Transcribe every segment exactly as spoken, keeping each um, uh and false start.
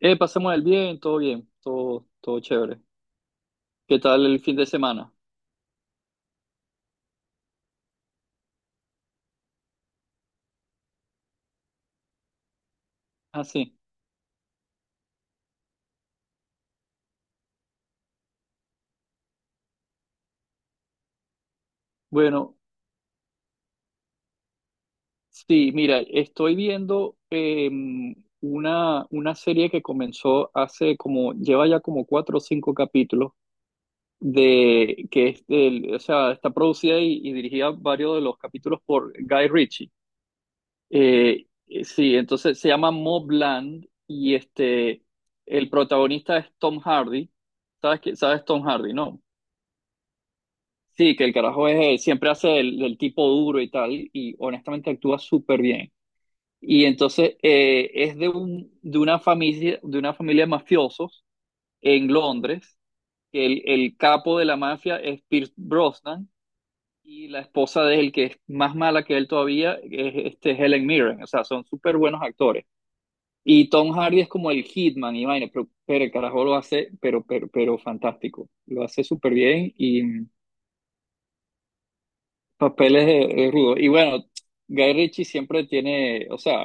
Eh, pasamos el bien, todo bien, todo, todo chévere. ¿Qué tal el fin de semana? Ah, sí. Bueno, sí, mira, estoy viendo em, una, una serie que comenzó hace como, lleva ya como cuatro o cinco capítulos, de, que es del, o sea, está producida y, y dirigida varios de los capítulos por Guy Ritchie. Eh, eh, sí, entonces se llama Mobland y este, el protagonista es Tom Hardy. ¿Sabes qué? ¿Sabes Tom Hardy, no? Sí, que el carajo es, siempre hace el, el tipo duro y tal, y honestamente actúa súper bien. Y entonces eh, es de, un, de, una familia, de una familia de mafiosos en Londres, que el, el capo de la mafia es Pierce Brosnan, y la esposa de él, que es más mala que él todavía, es este, Helen Mirren. O sea, son súper buenos actores. Y Tom Hardy es como el hitman, y vaina, pero, pero el carajo lo hace, pero, pero, pero fantástico. Lo hace súper bien y... Papeles de, de rudo. Y bueno, Guy Ritchie siempre tiene, o sea,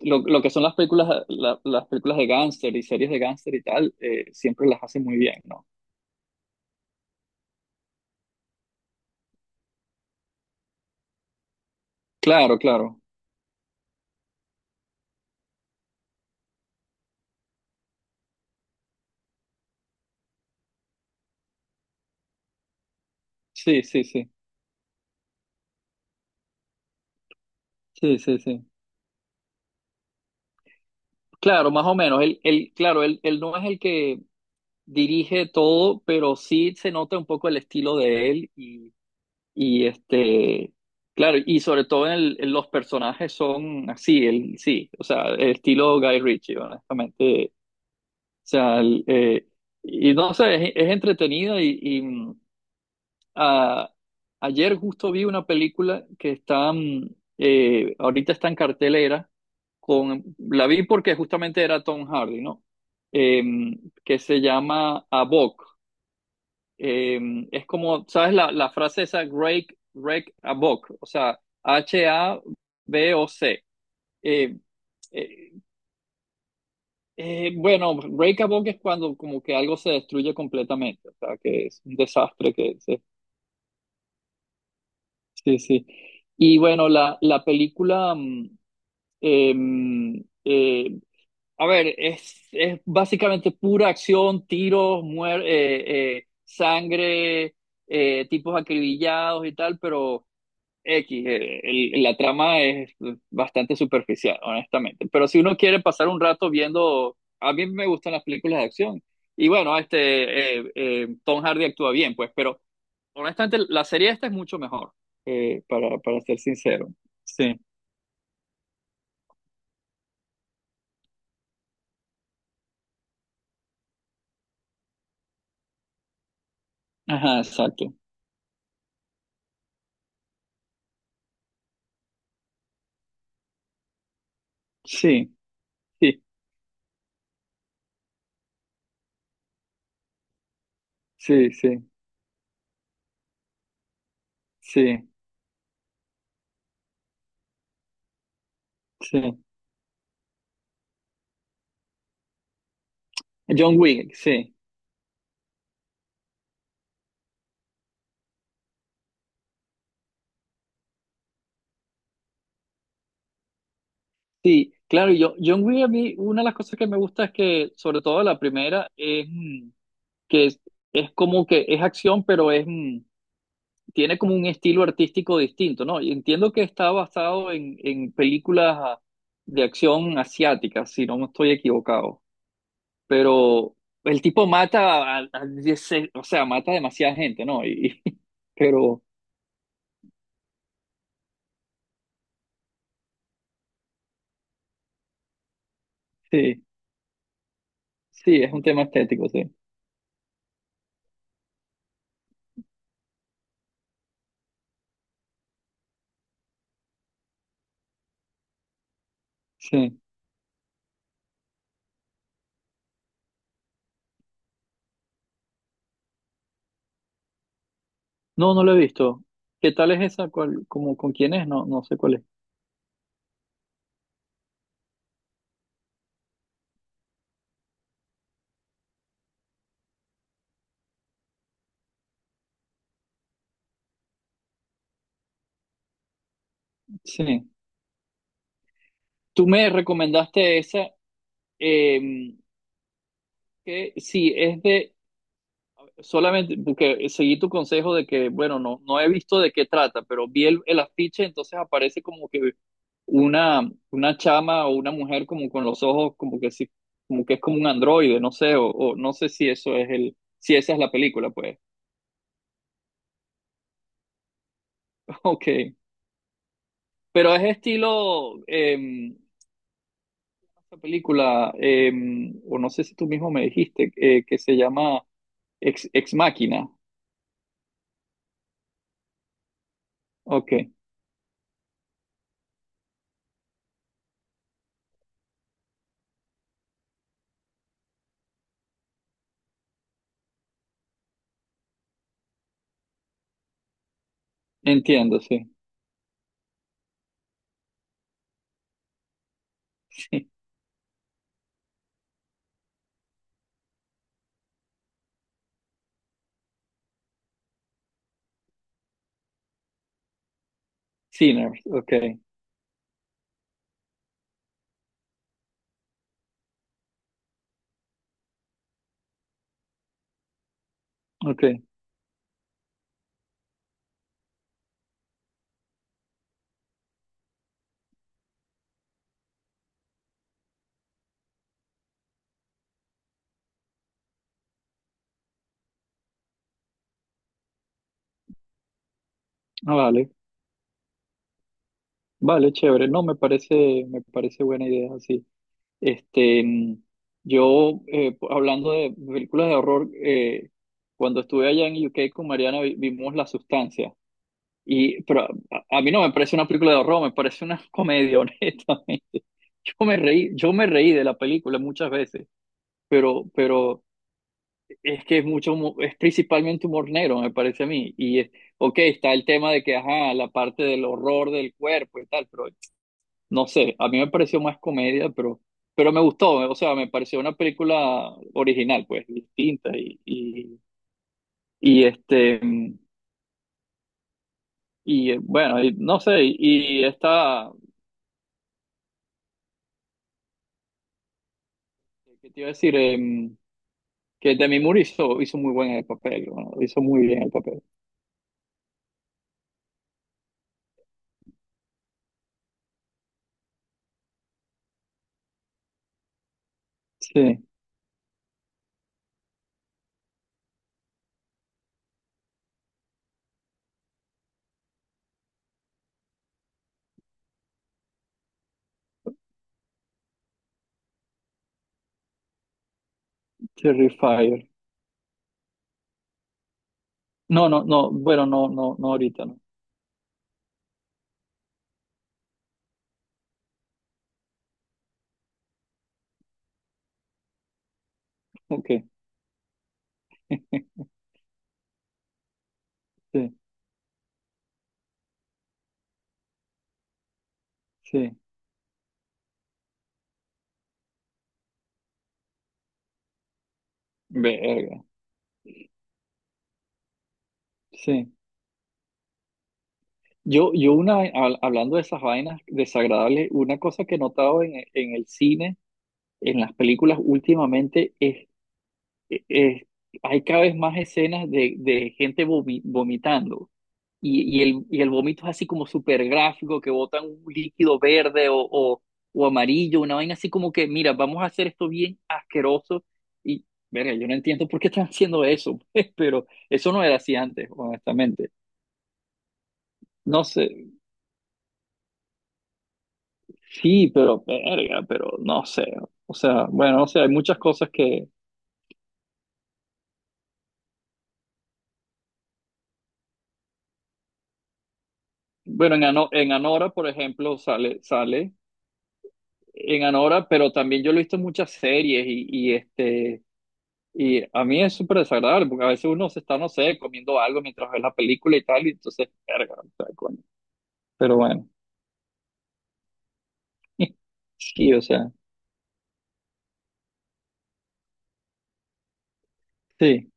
lo, lo que son las películas, la- las películas de gángster y series de gángster y tal, eh, siempre las hace muy bien, ¿no? Claro, claro. Sí, sí, sí. Sí, sí, sí. Claro, más o menos. Él, él, claro, él, él no es el que dirige todo, pero sí se nota un poco el estilo de él y, y este, claro, y sobre todo en el- en los personajes son así, él, sí, o sea, el estilo Guy Ritchie, honestamente. O sea, el, eh, y no sé, es, es entretenida y, y, mm, a- ayer justo vi una película que está, mm, eh, ahorita está en cartelera, con, la vi porque justamente era Tom Hardy, ¿no? Em, que se llama A Buck. Em, es como, ¿sabes la, la frase esa? Rake, rake a Buck, o sea, H-A-B-O-C. Eh, bueno, breakable es cuando como que algo se destruye completamente, o sea, que es un desastre, que se- sí, sí. Y bueno, la, la película, mm, eh, mm, eh, a ver, es, es básicamente pura acción, tiros, muer- eh, eh, sangre, eh, tipos acribillados y tal, pero X, eh, el- la trama es bastante superficial, honestamente. Pero si uno quiere pasar un rato viendo, a mí me gustan las películas de acción. Y bueno, este, eh, eh, Tom Hardy actúa bien, pues, pero honestamente la serie esta es mucho mejor, eh, para, para ser sincero. Sí, ajá, exacto. Sí, sí, sí, sí, sí, sí. John Wick, sí. Sí, claro, yo, John Wick a mí, una de las cosas que me gusta es que, sobre todo la primera, es... mm, que es, es como que es acción, pero es, mm, tiene como un estilo artístico distinto, ¿no? Y entiendo que está basado en, en películas ah, de acción asiáticas, si no me estoy equivocado, pero el tipo mata, a, a diez o sea, mata a demasiada gente, ¿no? Y, y- pero sí, sí, es un tema estético, sí, sí. No, no lo he visto. ¿Qué tal es esa? ¿Cuál, como, con quién es? No, no sé cuál es. Sí. Tú me recomendaste esa, eh, que sí, es de. Solamente porque seguí tu consejo de que, bueno, no, no he visto de qué trata, pero vi el, el afiche, entonces aparece como que una, una chama o una mujer como con los ojos, como que sí, como que es como un androide, no sé, o, o no sé si eso es el, si esa es la película, pues. Ok. Pero es estilo, em, esta película, em, o no sé si tú mismo me dijiste, eh, que se llama Ex, Ex Machina. Ok, entiendo, sí. Sí, Sinners, ok, ok. Ah, vale. Vale, chévere. No, me parece, me parece buena idea, sí. Este, mm, yo, eh, po- hablando de películas de horror, eh, cuando estuve allá en U K con Mariana vi- vimos La Sustancia. Y, pero a, a mí no me parece una película de horror, me parece una comedia, honestamente. Yo me reí, yo me reí de la película muchas veces, pero, pero es que es mucho, humo- es principalmente humor negro, me parece a mí. Y es, ok, está el tema de que, ajá, la parte del horror del cuerpo y tal, pero no sé, a mí me pareció más comedia, pero, pero me gustó, o sea, me pareció una película original, pues, distinta y, y, y, este, y eh, bueno, y no sé, y, y esta, ¿qué te iba a decir? Em, que Demi Moore hizo, hizo muy buen el papel, ¿no? Hizo muy bien el papel. Sí, Terrifier. No, no, no, bueno, no, no, no ahorita, no. Ok, sí, sí, verga, sí. Yo, yo una, hab- hablando de esas vainas desagradables, una cosa que he notado en, en el cine, en las películas últimamente, es, e, es- hay cada vez más escenas de, de gente vomi- vomitando. Y, y el, y el vómito es así como súper gráfico, que botan un líquido verde o, o, o amarillo, una vaina así como que, mira, vamos a hacer esto bien asqueroso. Y, verga, yo no entiendo por qué están haciendo eso, pero eso no era así antes, honestamente. No sé. Sí, pero verga, pero no sé. O sea, bueno, o sea, hay muchas cosas que, bueno, en, Ano- en Anora, por ejemplo, sale, sale en Anora, pero también yo lo he visto en muchas series y, y este, y a mí es súper desagradable porque a veces uno se está, no sé, comiendo algo mientras ve la película y tal, y entonces, verga, o sea, coño. Pero bueno, sí, o sea, sí,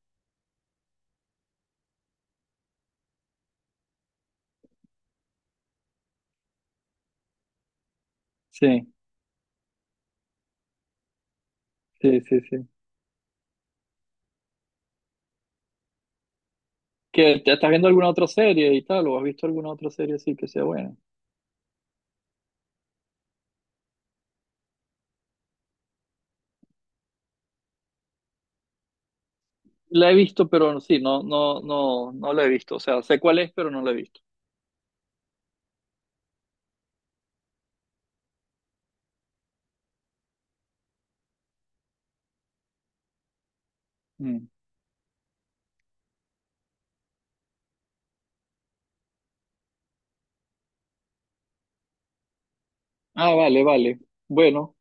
sí, sí, sí, sí. ¿Qué, te estás viendo alguna otra serie y tal, o has visto alguna otra serie así que sea buena? La he visto, pero sí, no, no, no, no la he visto. O sea, sé cuál es, pero no la he visto. Mm. Ah, vale, vale. Bueno,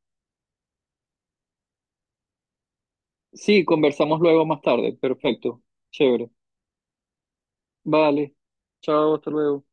sí, conversamos luego más tarde. Perfecto. Chévere. Vale. Chao, hasta luego.